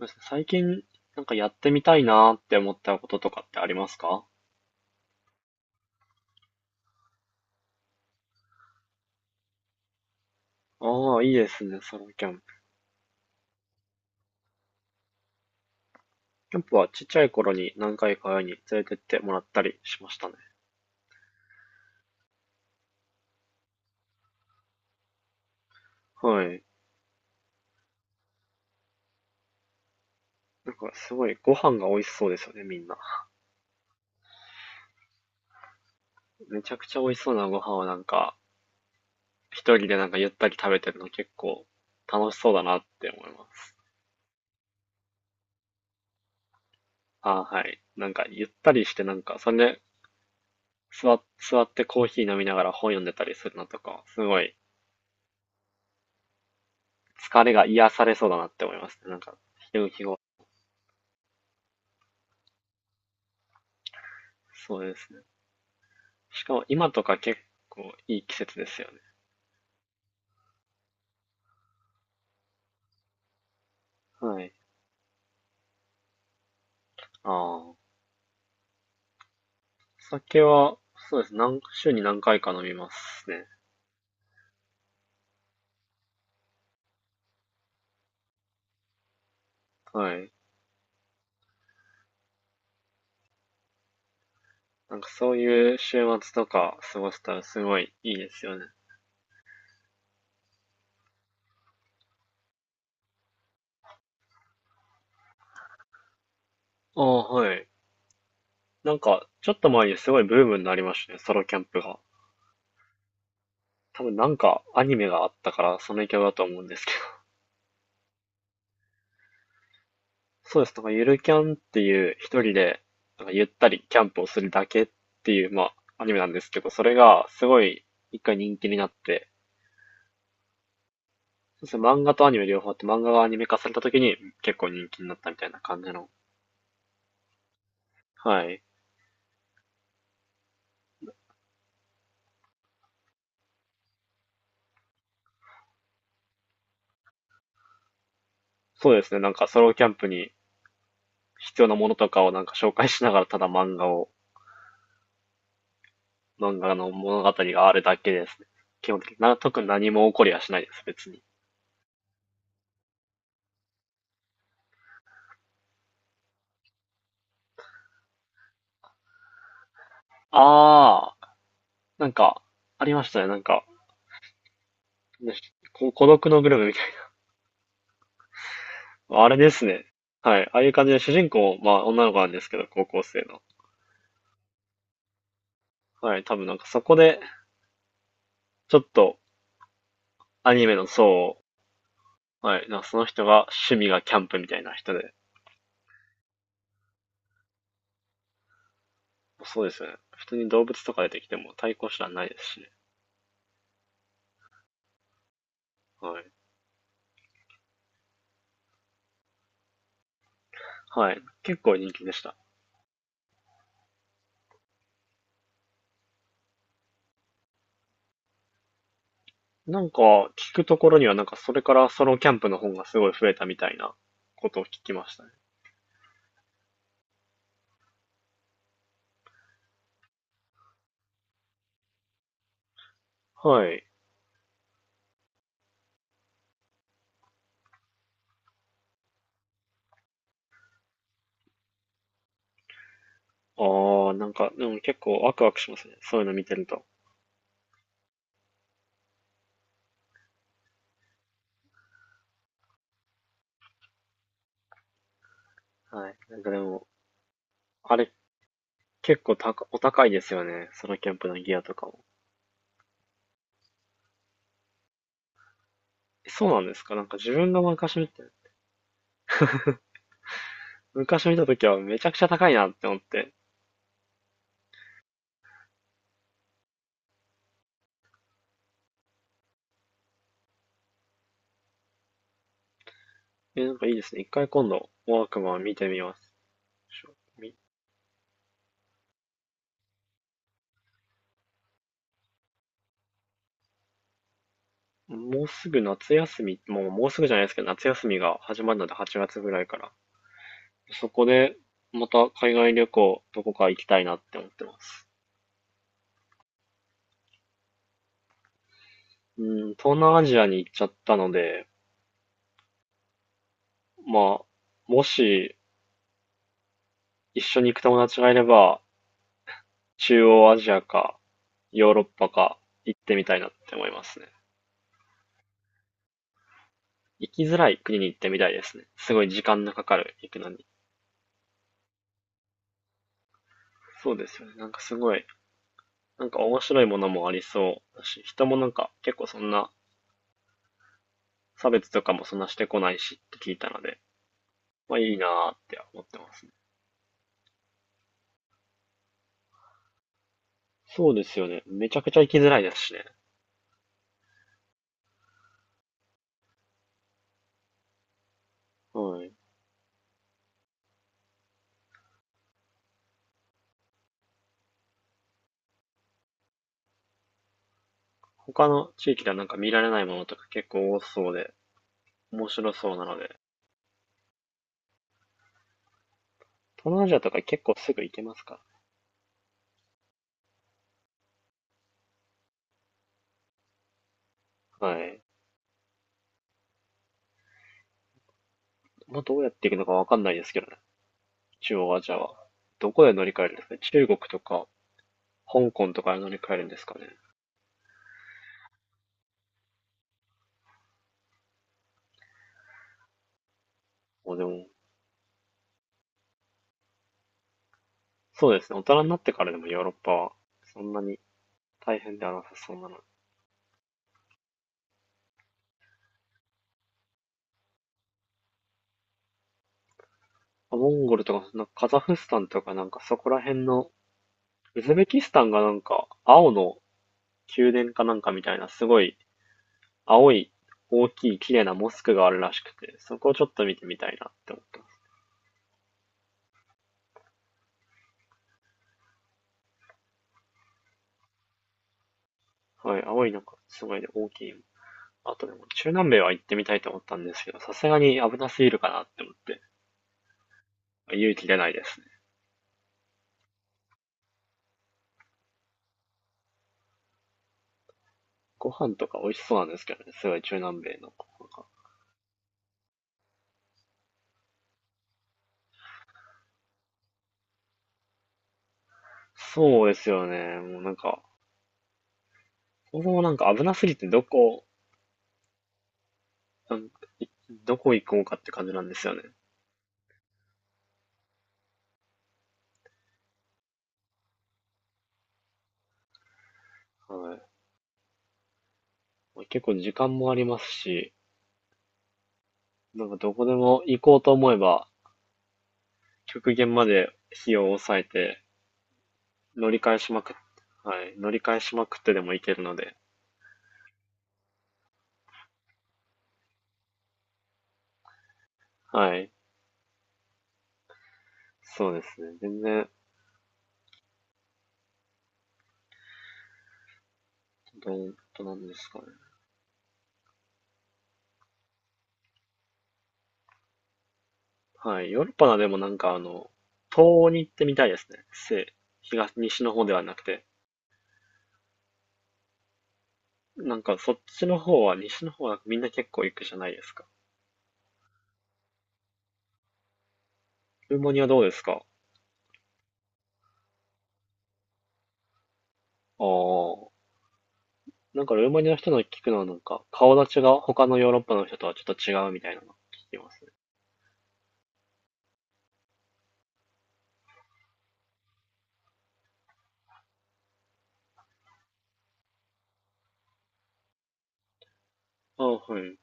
そうですね、最近やってみたいなーって思ったこととかってありますか？ああ、いいですね、ソロキャンプ。キャンプはちっちゃい頃に何回か親に連れてってもらったりしましたね。はい。なんかすごいご飯が美味しそうですよね、みんな。めちゃくちゃ美味しそうなご飯を一人でゆったり食べてるの結構楽しそうだなって思います。ああ、はい。ゆったりしてそれで座ってコーヒー飲みながら本読んでたりするのとか、すごい疲れが癒されそうだなって思いますね。ひろゆき語。そうですね。しかも今とか結構いい季節ですよね。はい。ああ。お酒は、そうですね。週に何回か飲みますね。はい。なんかそういう週末とか過ごせたらすごいいいですよね。ああ、はい。なんか、ちょっと前にすごいブームになりましたね。ソロキャンプが。多分なんかアニメがあったから、その影響だと思うんですけど。そうです。なんかゆるキャンっていう、一人でなんかゆったりキャンプをするだけっていう、まあ、アニメなんですけど、それがすごい一回人気になって、そうですね、漫画とアニメ両方あって、漫画がアニメ化された時に結構人気になったみたいな感じの。はい。そうですね。なんかソロキャンプに必要なものとかをなんか紹介しながら、ただ漫画の物語があるだけですね。基本的に。特に何も起こりはしないです、別に。あー、なんか、ありましたね。なんか、ね孤独のグルメあれですね。はい。ああいう感じで主人公、まあ女の子なんですけど、高校生の。はい。多分なんかそこで、ちょっとアニメの層を、はい。なんかその人が趣味がキャンプみたいな人で。そうですよね。普通に動物とか出てきても対抗手段ないですしね。はい。はい。結構人気でした。なんか、聞くところにはなんかそれからソロキャンプの本がすごい増えたみたいなことを聞きましたね。はい。ああ、なんか、でも結構ワクワクしますね。そういうの見てると。はい。なんかでも、あれ、結構お高いですよね。ソロキャンプのギアとかも。えそうなんですか、なんか自分が昔見た時はめちゃくちゃ高いなって思って。え、なんかいいですね。一回今度、ワークマン見てみます。しょみもうすぐ夏休み、もうすぐじゃないですけど、夏休みが始まるので8月ぐらいから。そこで、また海外旅行、どこか行きたいなって思ってます。うん、東南アジアに行っちゃったので、まあ、もし一緒に行く友達がいれば、中央アジアか、ヨーロッパか行ってみたいなって思いますね。行きづらい国に行ってみたいですね。すごい時間のかかる、行くのに。そうですよね。なんかすごい、なんか面白いものもありそうだし、人もなんか結構そんな差別とかもそんなしてこないしって聞いたので、まあいいなーって思ってますね。そうですよね。めちゃくちゃ行きづらいですしね。はい。他の地域ではなんか見られないものとか結構多そうで、面白そうなので、東南アジアとか結構すぐ行けますから。はい。まあ、どうやって行くのかわかんないですけどね。中央アジアは。どこで乗り換えるんですかね。中国とか、香港とかで乗り換えるんですかね。もうでも、そうですね。大人になってからでもヨーロッパは、そんなに大変ではなさそうなの。モンゴルとか、そんなカザフスタンとかなんかそこら辺の、ウズベキスタンがなんか、青の宮殿かなんかみたいな、すごい青い大きい綺麗なモスクがあるらしくて、そこをちょっと見てみたいなって思ってます。はい、青いなんかすごいね、大きいあとでも、中南米は行ってみたいと思ったんですけど、さすがに危なすぎるかなって思って、勇気出ないですね。ご飯とか美味しそうなんですけどね、すごい中南米の。なんかそうですよね、もうなんか、そもそもなんか危なすぎてなんどこ行こうかって感じなんですよね。はい。結構時間もありますし、なんかどこでも行こうと思えば、極限まで費用を抑えて、乗り換えしまくっ、はい、乗り換えしまくってでも行けるので、はい、そうですね。全然どんとなんですかね。はい。ヨーロッパでもなんかあの、東欧に行ってみたいですね。西の方ではなくて。なんかそっちの方は、西の方はみんな結構行くじゃないですか。ルーマニアどうですか？ああ。なんかルーマニアの人の聞くのはなんか、顔立ちが他のヨーロッパの人とはちょっと違うみたいなの聞きますね。ああ、はい。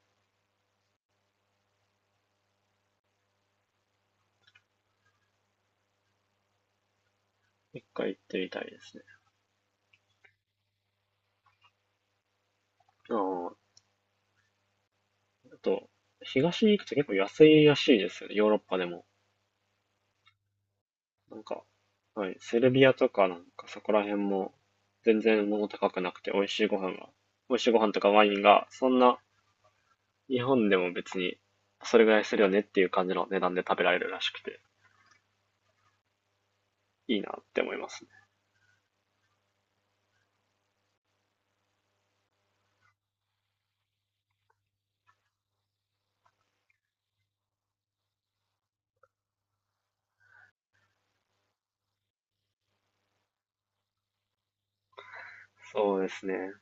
一回行ってみたいですね。ああ。あと、東に行くと結構安いらしいですよね。ヨーロッパでも。なんか、はい、セルビアとかなんかそこら辺も全然物高くなくて美味しいご飯とかワインがそんな日本でも別にそれぐらいするよねっていう感じの値段で食べられるらしくて、いいなって思いますね。そうですね。